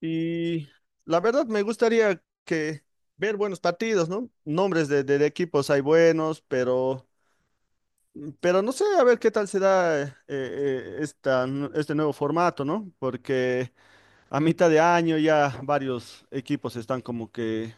Y la verdad me gustaría que ver buenos partidos, ¿no? Nombres de equipos hay buenos, pero no sé, a ver qué tal se da este nuevo formato, ¿no? Porque a mitad de año ya varios equipos están como que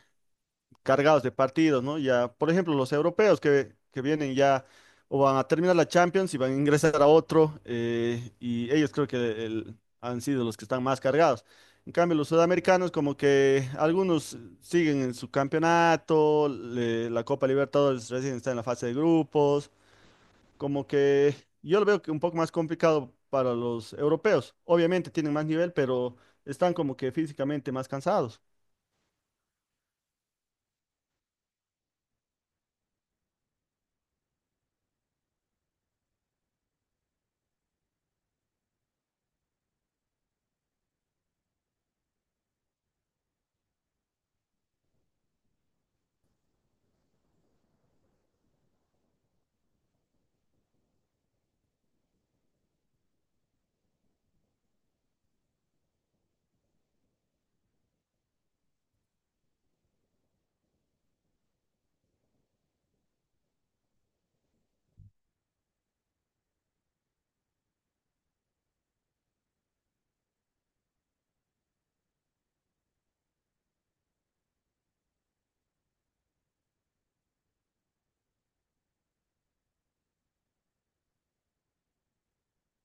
cargados de partidos, ¿no? Ya, por ejemplo, los europeos que vienen ya o van a terminar la Champions y van a ingresar a otro, y ellos creo que han sido los que están más cargados. En cambio, los sudamericanos como que algunos siguen en su campeonato, la Copa Libertadores recién está en la fase de grupos, como que yo lo veo que un poco más complicado para los europeos. Obviamente tienen más nivel, pero están como que físicamente más cansados.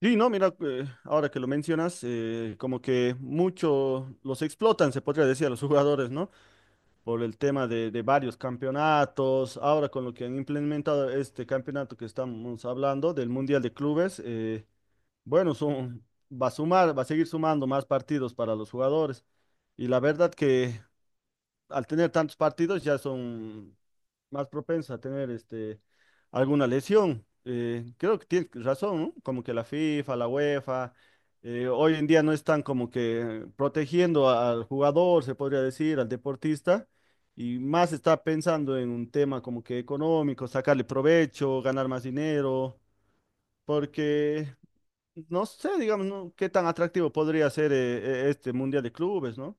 Sí, no, mira, ahora que lo mencionas, como que mucho los explotan, se podría decir, a los jugadores, ¿no? Por el tema de varios campeonatos, ahora con lo que han implementado este campeonato que estamos hablando del Mundial de Clubes, bueno, va a sumar, va a seguir sumando más partidos para los jugadores. Y la verdad que al tener tantos partidos ya son más propensas a tener alguna lesión. Creo que tienes razón, ¿no? Como que la FIFA, la UEFA, hoy en día no están como que protegiendo al jugador, se podría decir, al deportista, y más está pensando en un tema como que económico, sacarle provecho, ganar más dinero, porque no sé, digamos, ¿no? ¿Qué tan atractivo podría ser este Mundial de Clubes, ¿no?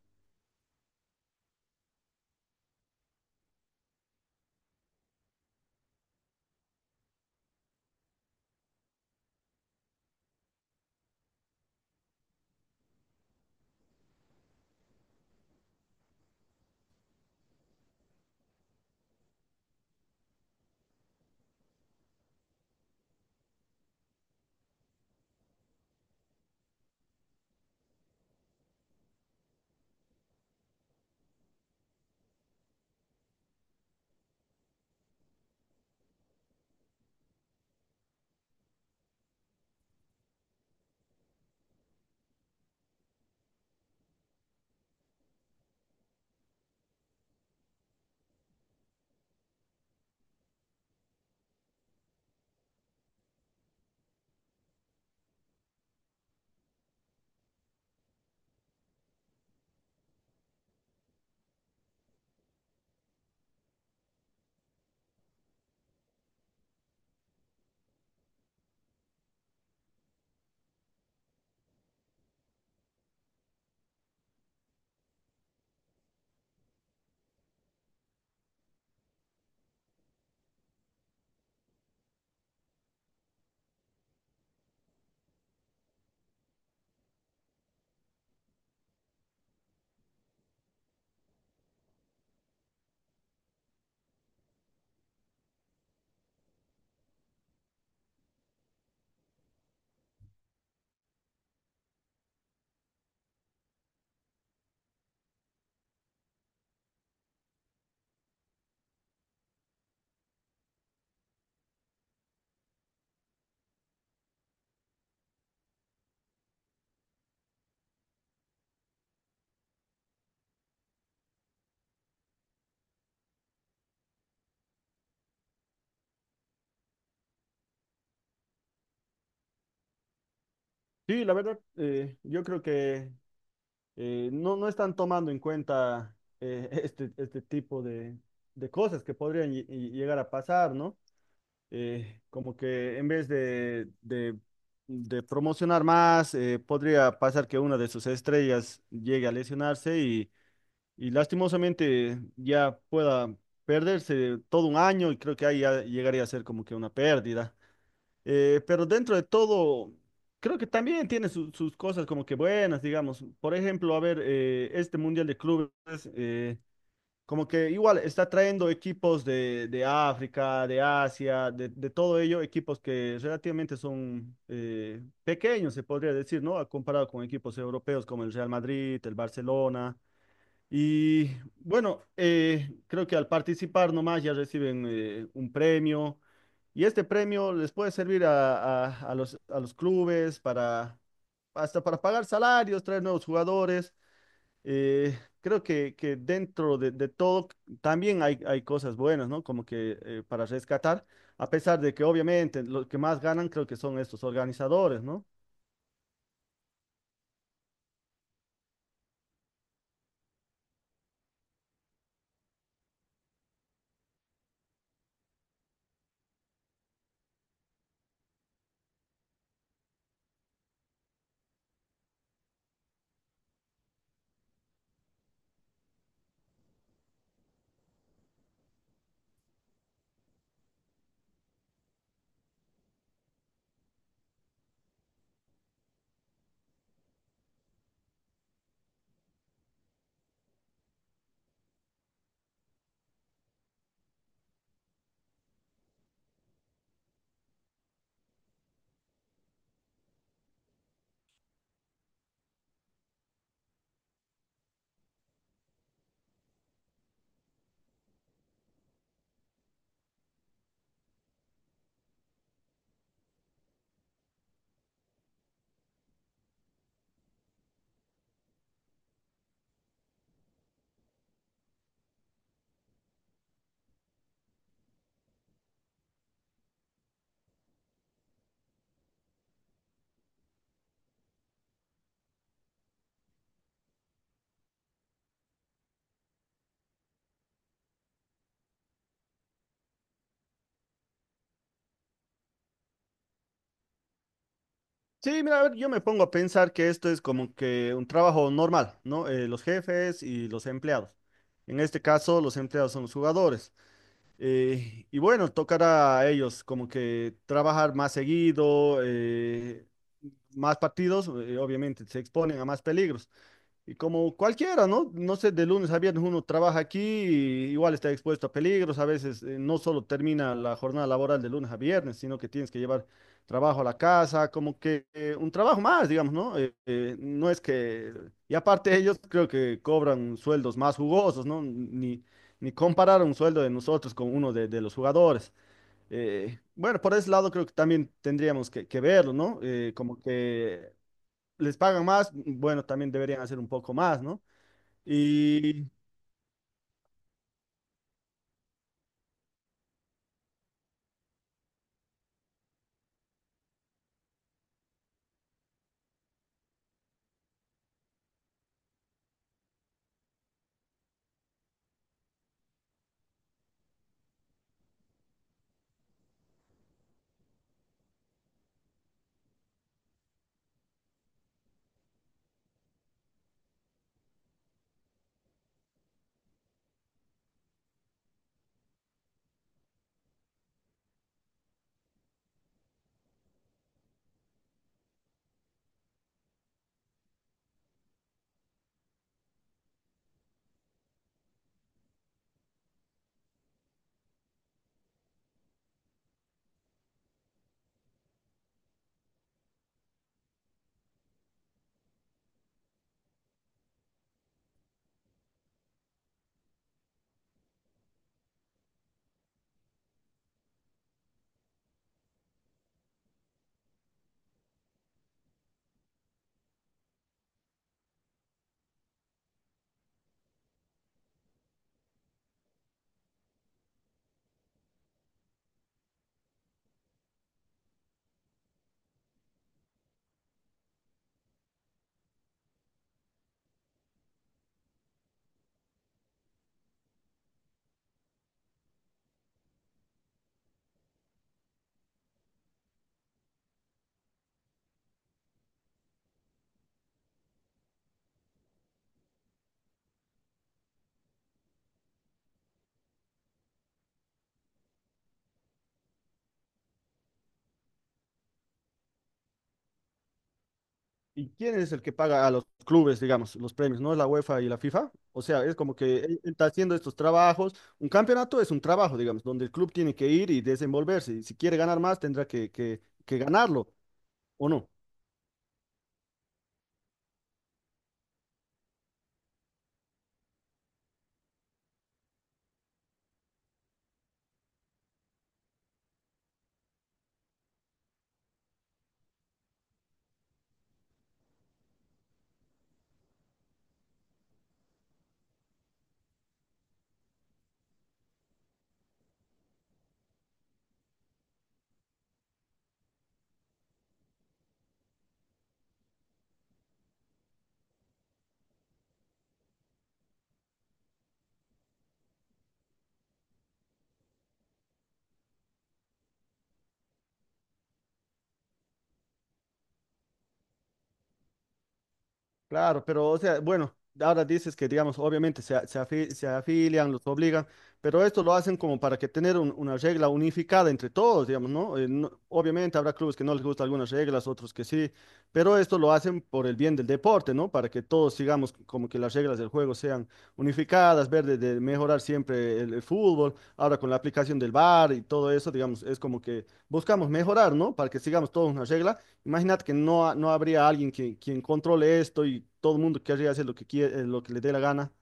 Sí, la verdad, yo creo que no, no están tomando en cuenta este tipo de cosas que podrían llegar a pasar, ¿no? Como que en vez de de promocionar más, podría pasar que una de sus estrellas llegue a lesionarse y lastimosamente ya pueda perderse todo un año y creo que ahí ya llegaría a ser como que una pérdida. Pero dentro de todo, creo que también tiene sus cosas como que buenas, digamos. Por ejemplo, a ver, este Mundial de Clubes, eh, como que igual está trayendo equipos de África, de Asia, de todo ello, equipos que relativamente son pequeños, se podría decir, ¿no? Comparado con equipos europeos como el Real Madrid, el Barcelona. Y bueno, creo que al participar nomás ya reciben un premio y este premio les puede servir a los clubes para hasta para pagar salarios, traer nuevos jugadores. Creo que dentro de todo también hay cosas buenas, ¿no? Como que para rescatar, a pesar de que obviamente los que más ganan creo que son estos organizadores, ¿no? Sí, mira, a ver, yo me pongo a pensar que esto es como que un trabajo normal, ¿no? Los jefes y los empleados. En este caso, los empleados son los jugadores. Y bueno, tocará a ellos como que trabajar más seguido, más partidos, obviamente se exponen a más peligros. Y como cualquiera, ¿no? No sé, de lunes a viernes uno trabaja aquí, y igual está expuesto a peligros, a veces no solo termina la jornada laboral de lunes a viernes, sino que tienes que llevar trabajo a la casa, como que un trabajo más, digamos, ¿no? No es que... Y aparte ellos creo que cobran sueldos más jugosos, ¿no? Ni comparar un sueldo de nosotros con uno de los jugadores. Bueno, por ese lado creo que también tendríamos que verlo, ¿no? Como que les pagan más, bueno, también deberían hacer un poco más, ¿no? Y, ¿Y quién es el que paga a los clubes, digamos, los premios? ¿No es la UEFA y la FIFA? O sea, es como que él está haciendo estos trabajos. Un campeonato es un trabajo, digamos, donde el club tiene que ir y desenvolverse. Y si quiere ganar más, tendrá que ganarlo, ¿o no? Claro, pero o sea, bueno, ahora dices que, digamos, obviamente se afilian, los obligan, pero esto lo hacen como para que tener una regla unificada entre todos, digamos, ¿no? No, obviamente habrá clubes que no les gustan algunas reglas, otros que sí, pero esto lo hacen por el bien del deporte, ¿no? Para que todos sigamos como que las reglas del juego sean unificadas, ver de mejorar siempre el fútbol, ahora con la aplicación del VAR y todo eso, digamos, es como que buscamos mejorar, ¿no? Para que sigamos todos una regla. Imaginad que no, no habría alguien que, quien controle esto y todo el mundo querría hacer lo que quiere, lo que le dé la gana.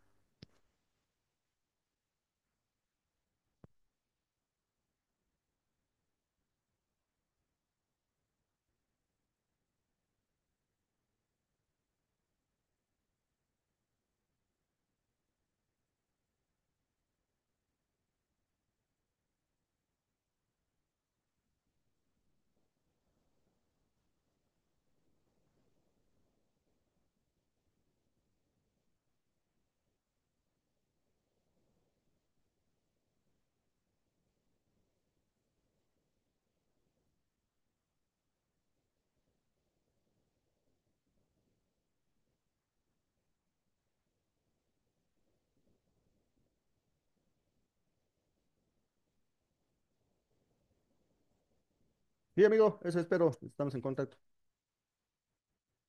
Sí, amigo, eso espero. Estamos en contacto.